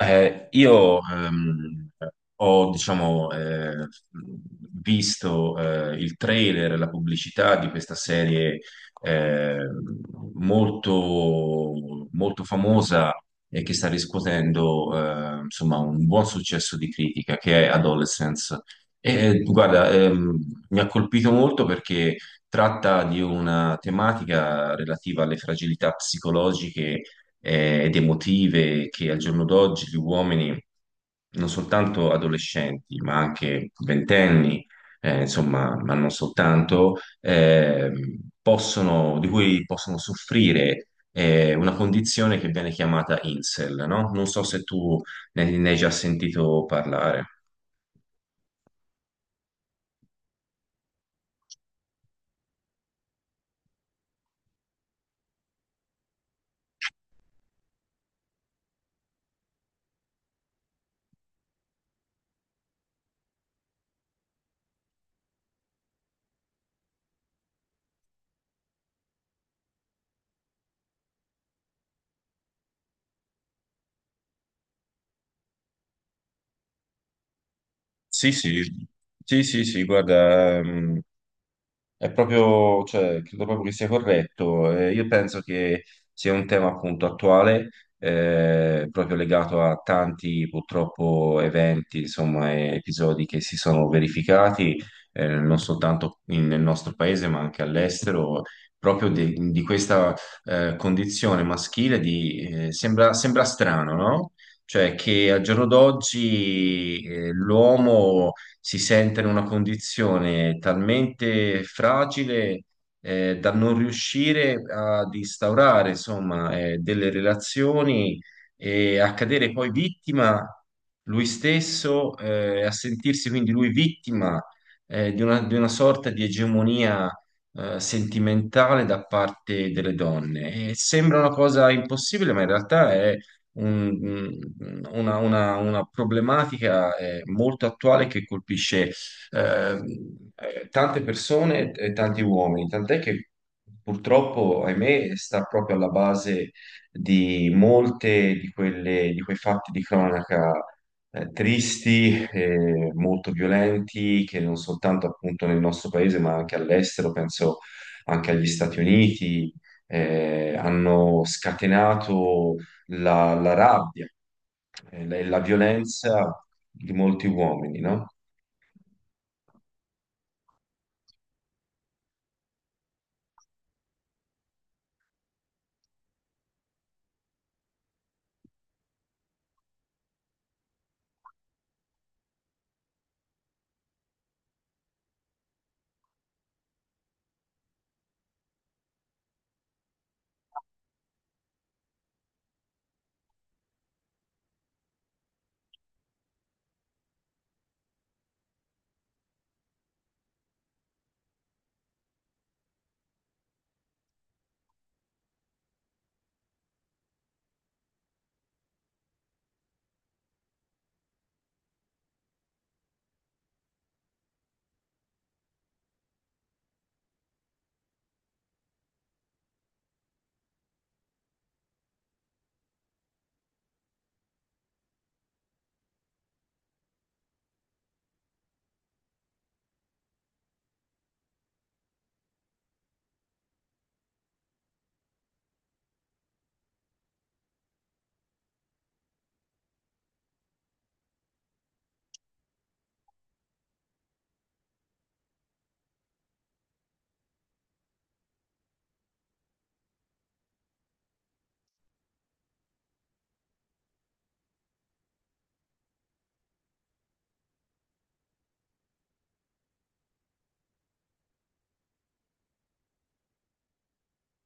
Io ho, diciamo, visto il trailer, la pubblicità di questa serie eh, molto, molto famosa e che sta riscuotendo insomma, un buon successo di critica, che è Adolescence. E, guarda, mi ha colpito molto perché tratta di una tematica relativa alle fragilità psicologiche ed emotive che al giorno d'oggi gli uomini, non soltanto adolescenti, ma anche ventenni, insomma, ma non soltanto, possono, di cui possono soffrire una condizione che viene chiamata incel, no? Non so se tu ne hai già sentito parlare. Sì, sì, sì, sì, sì, guarda, è proprio, cioè, credo proprio che sia corretto. Io penso che sia un tema appunto attuale, proprio legato a tanti purtroppo eventi, insomma, e episodi che si sono verificati, non soltanto nel nostro paese, ma anche all'estero, proprio di questa condizione maschile di, sembra, sembra strano, no? Cioè che al giorno d'oggi l'uomo si sente in una condizione talmente fragile da non riuscire ad instaurare, insomma, delle relazioni e a cadere poi vittima lui stesso, a sentirsi quindi lui vittima di una sorta di egemonia sentimentale da parte delle donne. E sembra una cosa impossibile, ma in realtà è un- una problematica molto attuale che colpisce eh, tante persone e tanti uomini, tant'è che purtroppo, ahimè, sta proprio alla base di molte di quei fatti di cronaca tristi, molto violenti, che non soltanto appunto nel nostro paese, ma anche all'estero, penso anche agli Stati Uniti, hanno scatenato la rabbia e la violenza di molti uomini, no?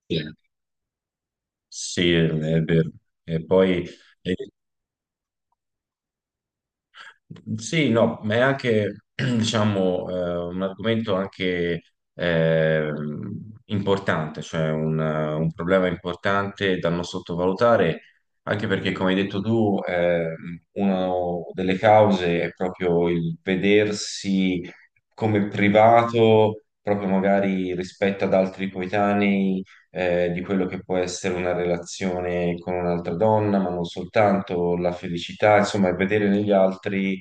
Sì, sì, è vero. E poi eh, sì, no, ma è anche, diciamo, un argomento anche importante, cioè un problema importante da non sottovalutare, anche perché, come hai detto tu, una delle cause è proprio il vedersi come privato, proprio magari rispetto ad altri coetanei, di quello che può essere una relazione con un'altra donna, ma non soltanto la felicità, insomma, è vedere negli altri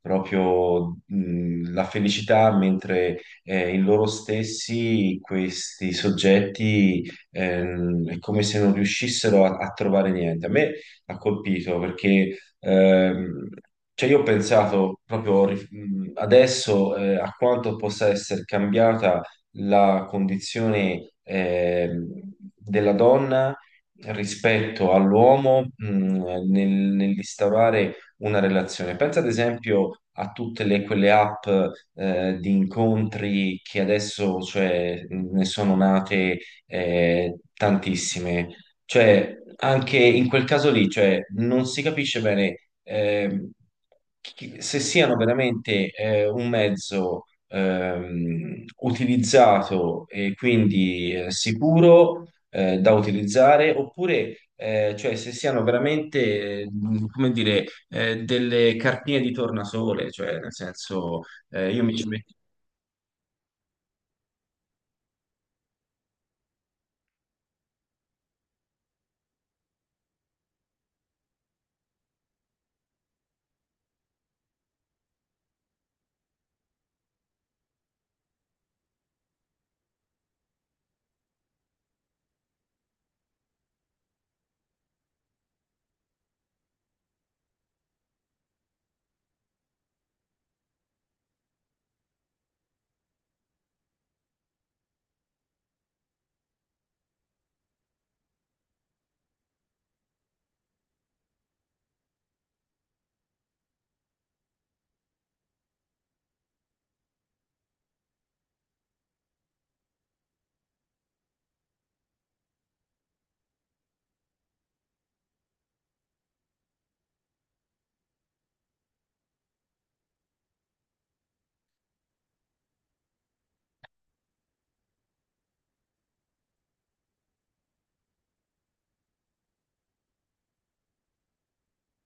proprio la felicità, mentre in loro stessi questi soggetti è come se non riuscissero a trovare niente. A me ha colpito perché cioè io ho pensato proprio adesso a quanto possa essere cambiata la condizione della donna rispetto all'uomo nell'instaurare una relazione. Pensa ad esempio a tutte quelle app di incontri che adesso, cioè, ne sono nate tantissime. Cioè, anche in quel caso lì, cioè, non si capisce bene se siano veramente un mezzo utilizzato e quindi sicuro da utilizzare, oppure cioè, se siano veramente, come dire, delle cartine di tornasole, cioè nel senso io mi ci metto.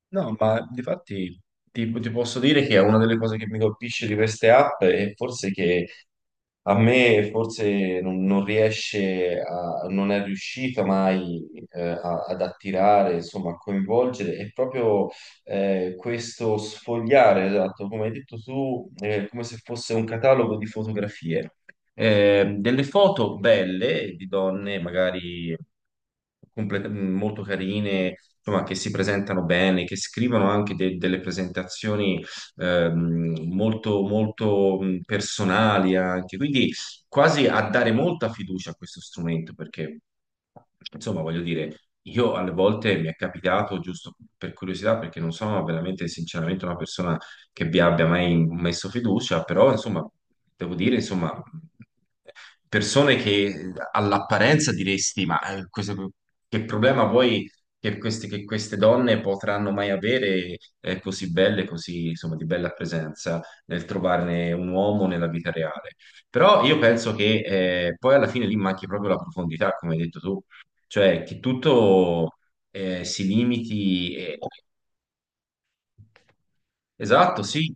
No, ma difatti ti posso dire che è una delle cose che mi colpisce di queste app è forse che a me forse non riesce non è riuscita mai ad attirare, insomma, a coinvolgere, è proprio questo sfogliare, esatto, come hai detto tu, è come se fosse un catalogo di fotografie delle foto belle di donne, magari molto carine, insomma, che si presentano bene, che scrivono anche delle presentazioni molto, molto personali anche, quindi quasi a dare molta fiducia a questo strumento, perché, insomma, voglio dire, io alle volte mi è capitato, giusto per curiosità, perché non sono veramente sinceramente una persona che vi abbia mai messo fiducia, però insomma, devo dire, insomma, persone che all'apparenza diresti, ma che problema vuoi che queste donne potranno mai avere così belle, così insomma di bella presenza nel trovarne un uomo nella vita reale. Però io penso che poi alla fine lì manchi proprio la profondità, come hai detto tu, cioè che tutto si limiti. Esatto, sì.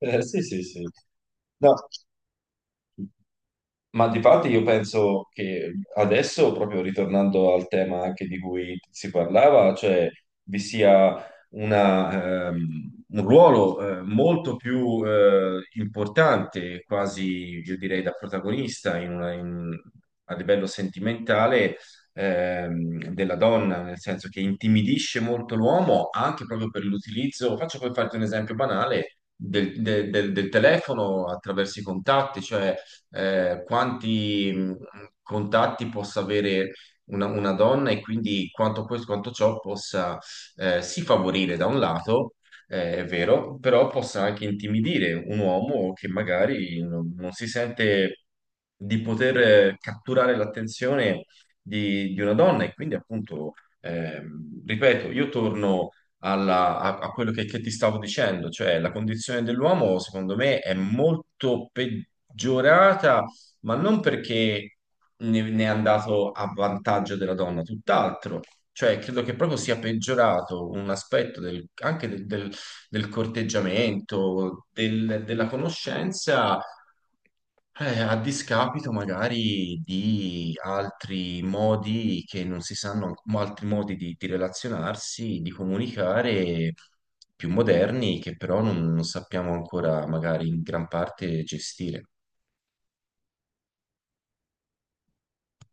Sì, sì, sì. No. Ma di parte io penso che adesso, proprio ritornando al tema anche di cui si parlava, cioè vi sia una, un ruolo molto più importante, quasi io direi da protagonista in a livello sentimentale della donna, nel senso che intimidisce molto l'uomo anche proprio per l'utilizzo. Faccio per farti un esempio banale del telefono attraverso i contatti, cioè quanti contatti possa avere una donna e quindi quanto questo, quanto ciò possa sì favorire da un lato, è vero, però possa anche intimidire un uomo che magari non si sente di poter catturare l'attenzione di una donna e quindi appunto, ripeto, io torno a quello che ti stavo dicendo, cioè la condizione dell'uomo secondo me è molto peggiorata, ma non perché ne è andato a vantaggio della donna, tutt'altro. Cioè, credo che proprio sia peggiorato un aspetto anche del corteggiamento, della conoscenza, a discapito magari di altri modi che non si sanno, altri modi di relazionarsi, di comunicare più moderni che però non sappiamo ancora magari in gran parte gestire.